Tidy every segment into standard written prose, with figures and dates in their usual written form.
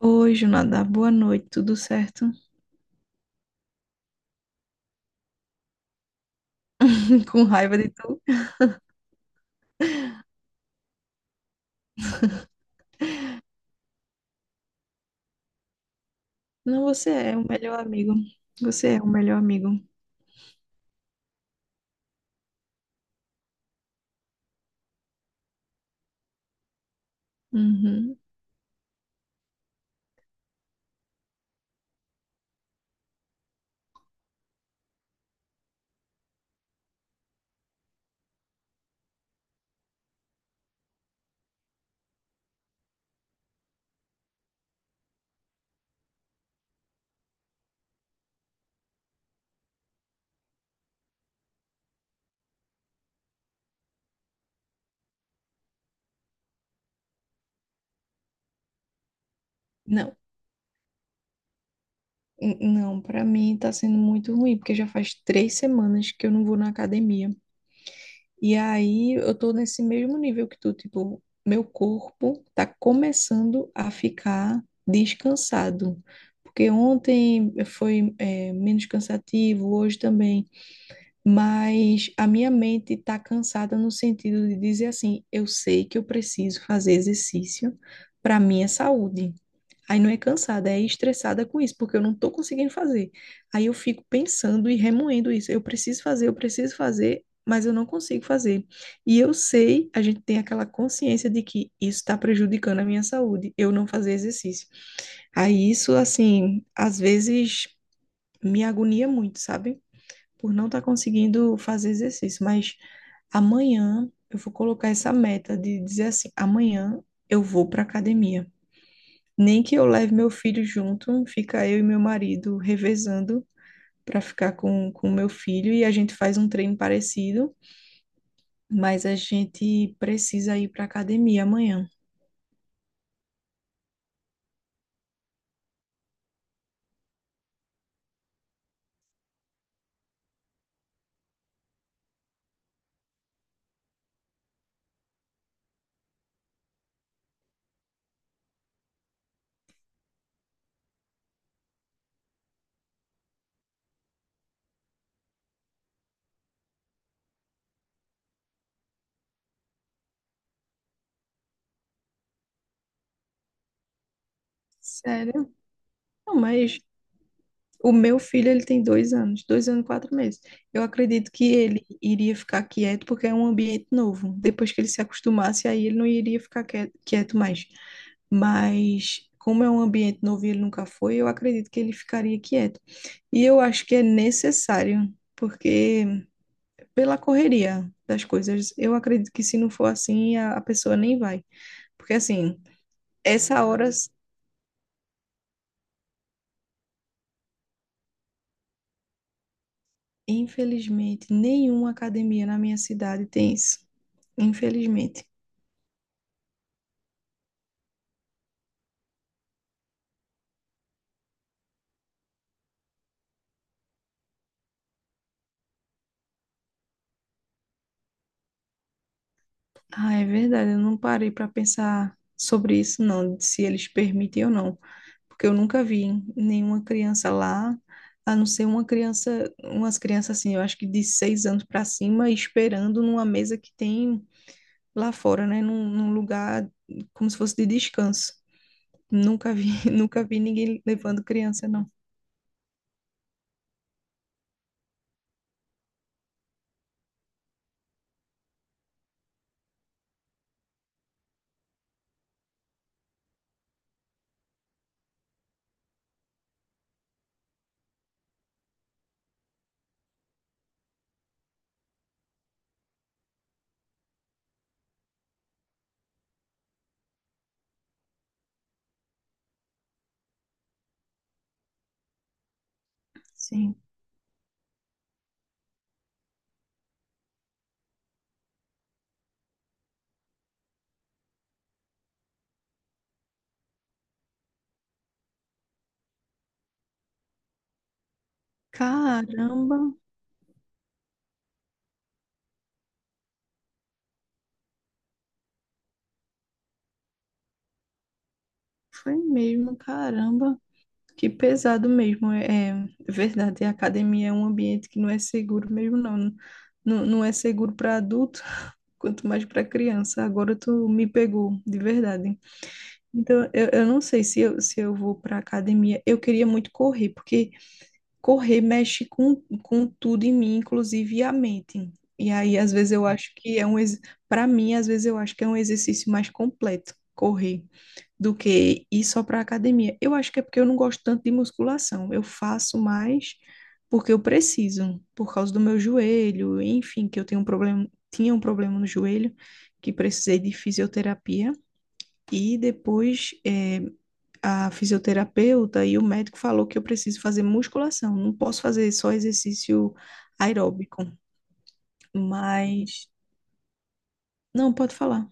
Oi, Junada, boa noite, tudo certo? Com raiva de tu. Não, você é o melhor amigo. Você é o melhor amigo. Uhum. Não, não, pra mim tá sendo muito ruim, porque já faz 3 semanas que eu não vou na academia. E aí eu tô nesse mesmo nível que tu, tipo, meu corpo tá começando a ficar descansado. Porque ontem foi, é, menos cansativo, hoje também. Mas a minha mente está cansada no sentido de dizer assim, eu sei que eu preciso fazer exercício para minha saúde. Aí não é cansada, é estressada com isso, porque eu não estou conseguindo fazer. Aí eu fico pensando e remoendo isso. Eu preciso fazer, mas eu não consigo fazer. E eu sei, a gente tem aquela consciência de que isso está prejudicando a minha saúde, eu não fazer exercício. Aí isso, assim, às vezes me agonia muito, sabe? Por não estar conseguindo fazer exercício, mas amanhã eu vou colocar essa meta de dizer assim, amanhã eu vou para academia. Nem que eu leve meu filho junto, fica eu e meu marido revezando para ficar com o meu filho e a gente faz um treino parecido, mas a gente precisa ir para academia amanhã. Sério? Não, mas o meu filho, ele tem 2 anos, 2 anos e 4 meses. Eu acredito que ele iria ficar quieto porque é um ambiente novo. Depois que ele se acostumasse, aí ele não iria ficar quieto mais. Mas como é um ambiente novo e ele nunca foi, eu acredito que ele ficaria quieto. E eu acho que é necessário, porque pela correria das coisas, eu acredito que se não for assim, a pessoa nem vai. Porque assim, essa hora infelizmente, nenhuma academia na minha cidade tem isso. Infelizmente. Ah, é verdade, eu não parei para pensar sobre isso, não, de se eles permitem ou não. Porque eu nunca vi nenhuma criança lá, a não ser uma criança, umas crianças assim, eu acho que de 6 anos para cima, esperando numa mesa que tem lá fora, né? Num lugar como se fosse de descanso. Nunca vi, nunca vi ninguém levando criança, não. Sim. Caramba! Foi mesmo, caramba. Que pesado mesmo. É, é verdade, a academia é um ambiente que não é seguro mesmo, não. Não, não é seguro para adulto, quanto mais para criança. Agora tu me pegou, de verdade. Então, eu não sei se eu, se eu vou para academia. Eu queria muito correr, porque correr mexe com tudo em mim, inclusive a mente. E aí, às vezes, eu acho que é um. Para mim, às vezes, eu acho que é um exercício mais completo, correr do que ir só para academia. Eu acho que é porque eu não gosto tanto de musculação. Eu faço mais porque eu preciso, por causa do meu joelho, enfim, que eu tenho um problema, tinha um problema no joelho, que precisei de fisioterapia e depois a fisioterapeuta e o médico falou que eu preciso fazer musculação, não posso fazer só exercício aeróbico, mas não pode falar.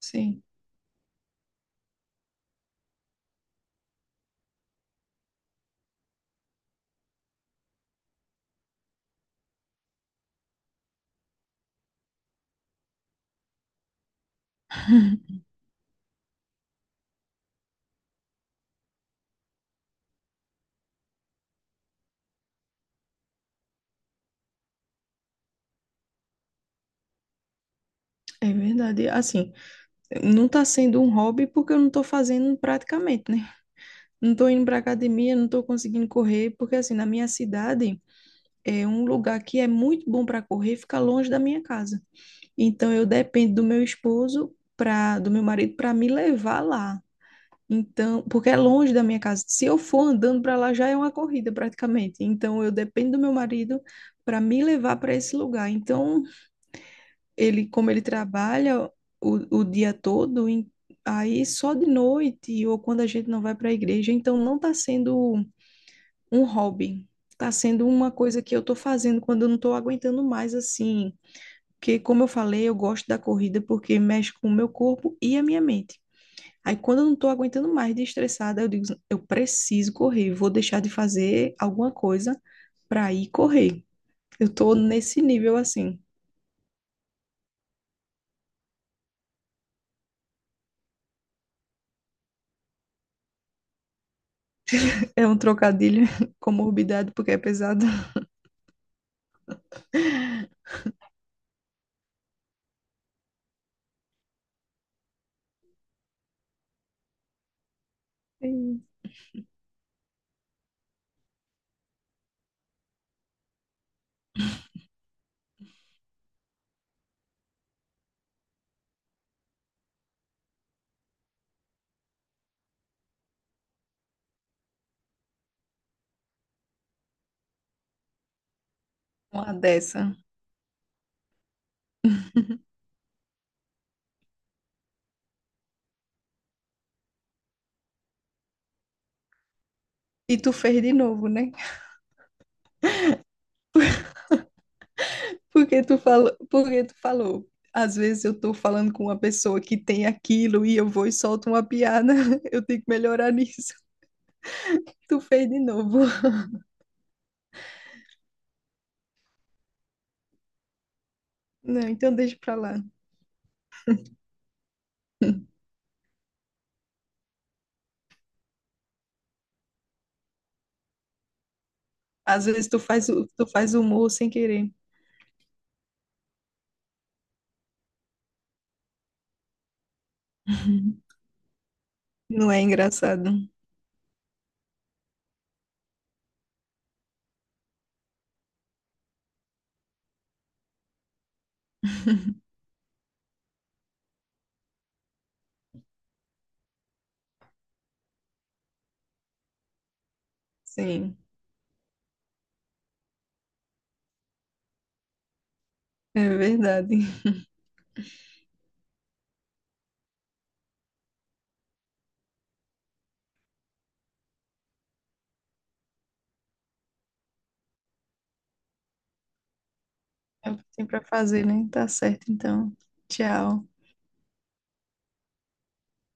Sim, é verdade. Assim, não está sendo um hobby porque eu não estou fazendo praticamente, né? Não estou indo para academia, não estou conseguindo correr, porque assim, na minha cidade é um lugar que é muito bom para correr, fica longe da minha casa. Então eu dependo do meu esposo para do meu marido para me levar lá. Então, porque é longe da minha casa. Se eu for andando para lá já é uma corrida praticamente. Então eu dependo do meu marido para me levar para esse lugar. Então ele, como ele trabalha o dia todo, aí só de noite ou quando a gente não vai para a igreja, então não está sendo um hobby, está sendo uma coisa que eu estou fazendo quando eu não estou aguentando mais assim. Porque, como eu falei, eu gosto da corrida porque mexe com o meu corpo e a minha mente. Aí, quando eu não estou aguentando mais de estressada, eu digo, eu preciso correr, vou deixar de fazer alguma coisa para ir correr. Eu estou nesse nível assim. É um trocadilho com morbidade porque é pesado. Sim. Uma dessa. E tu fez de novo, né? Porque tu falou, porque tu falou. Às vezes eu tô falando com uma pessoa que tem aquilo e eu vou e solto uma piada. Eu tenho que melhorar nisso. Tu fez de novo. Não, então deixa pra lá. Às vezes tu faz, tu faz humor sem querer. Não é engraçado. Sim, é verdade. É o que tem pra fazer, né? Tá certo, então. Tchau.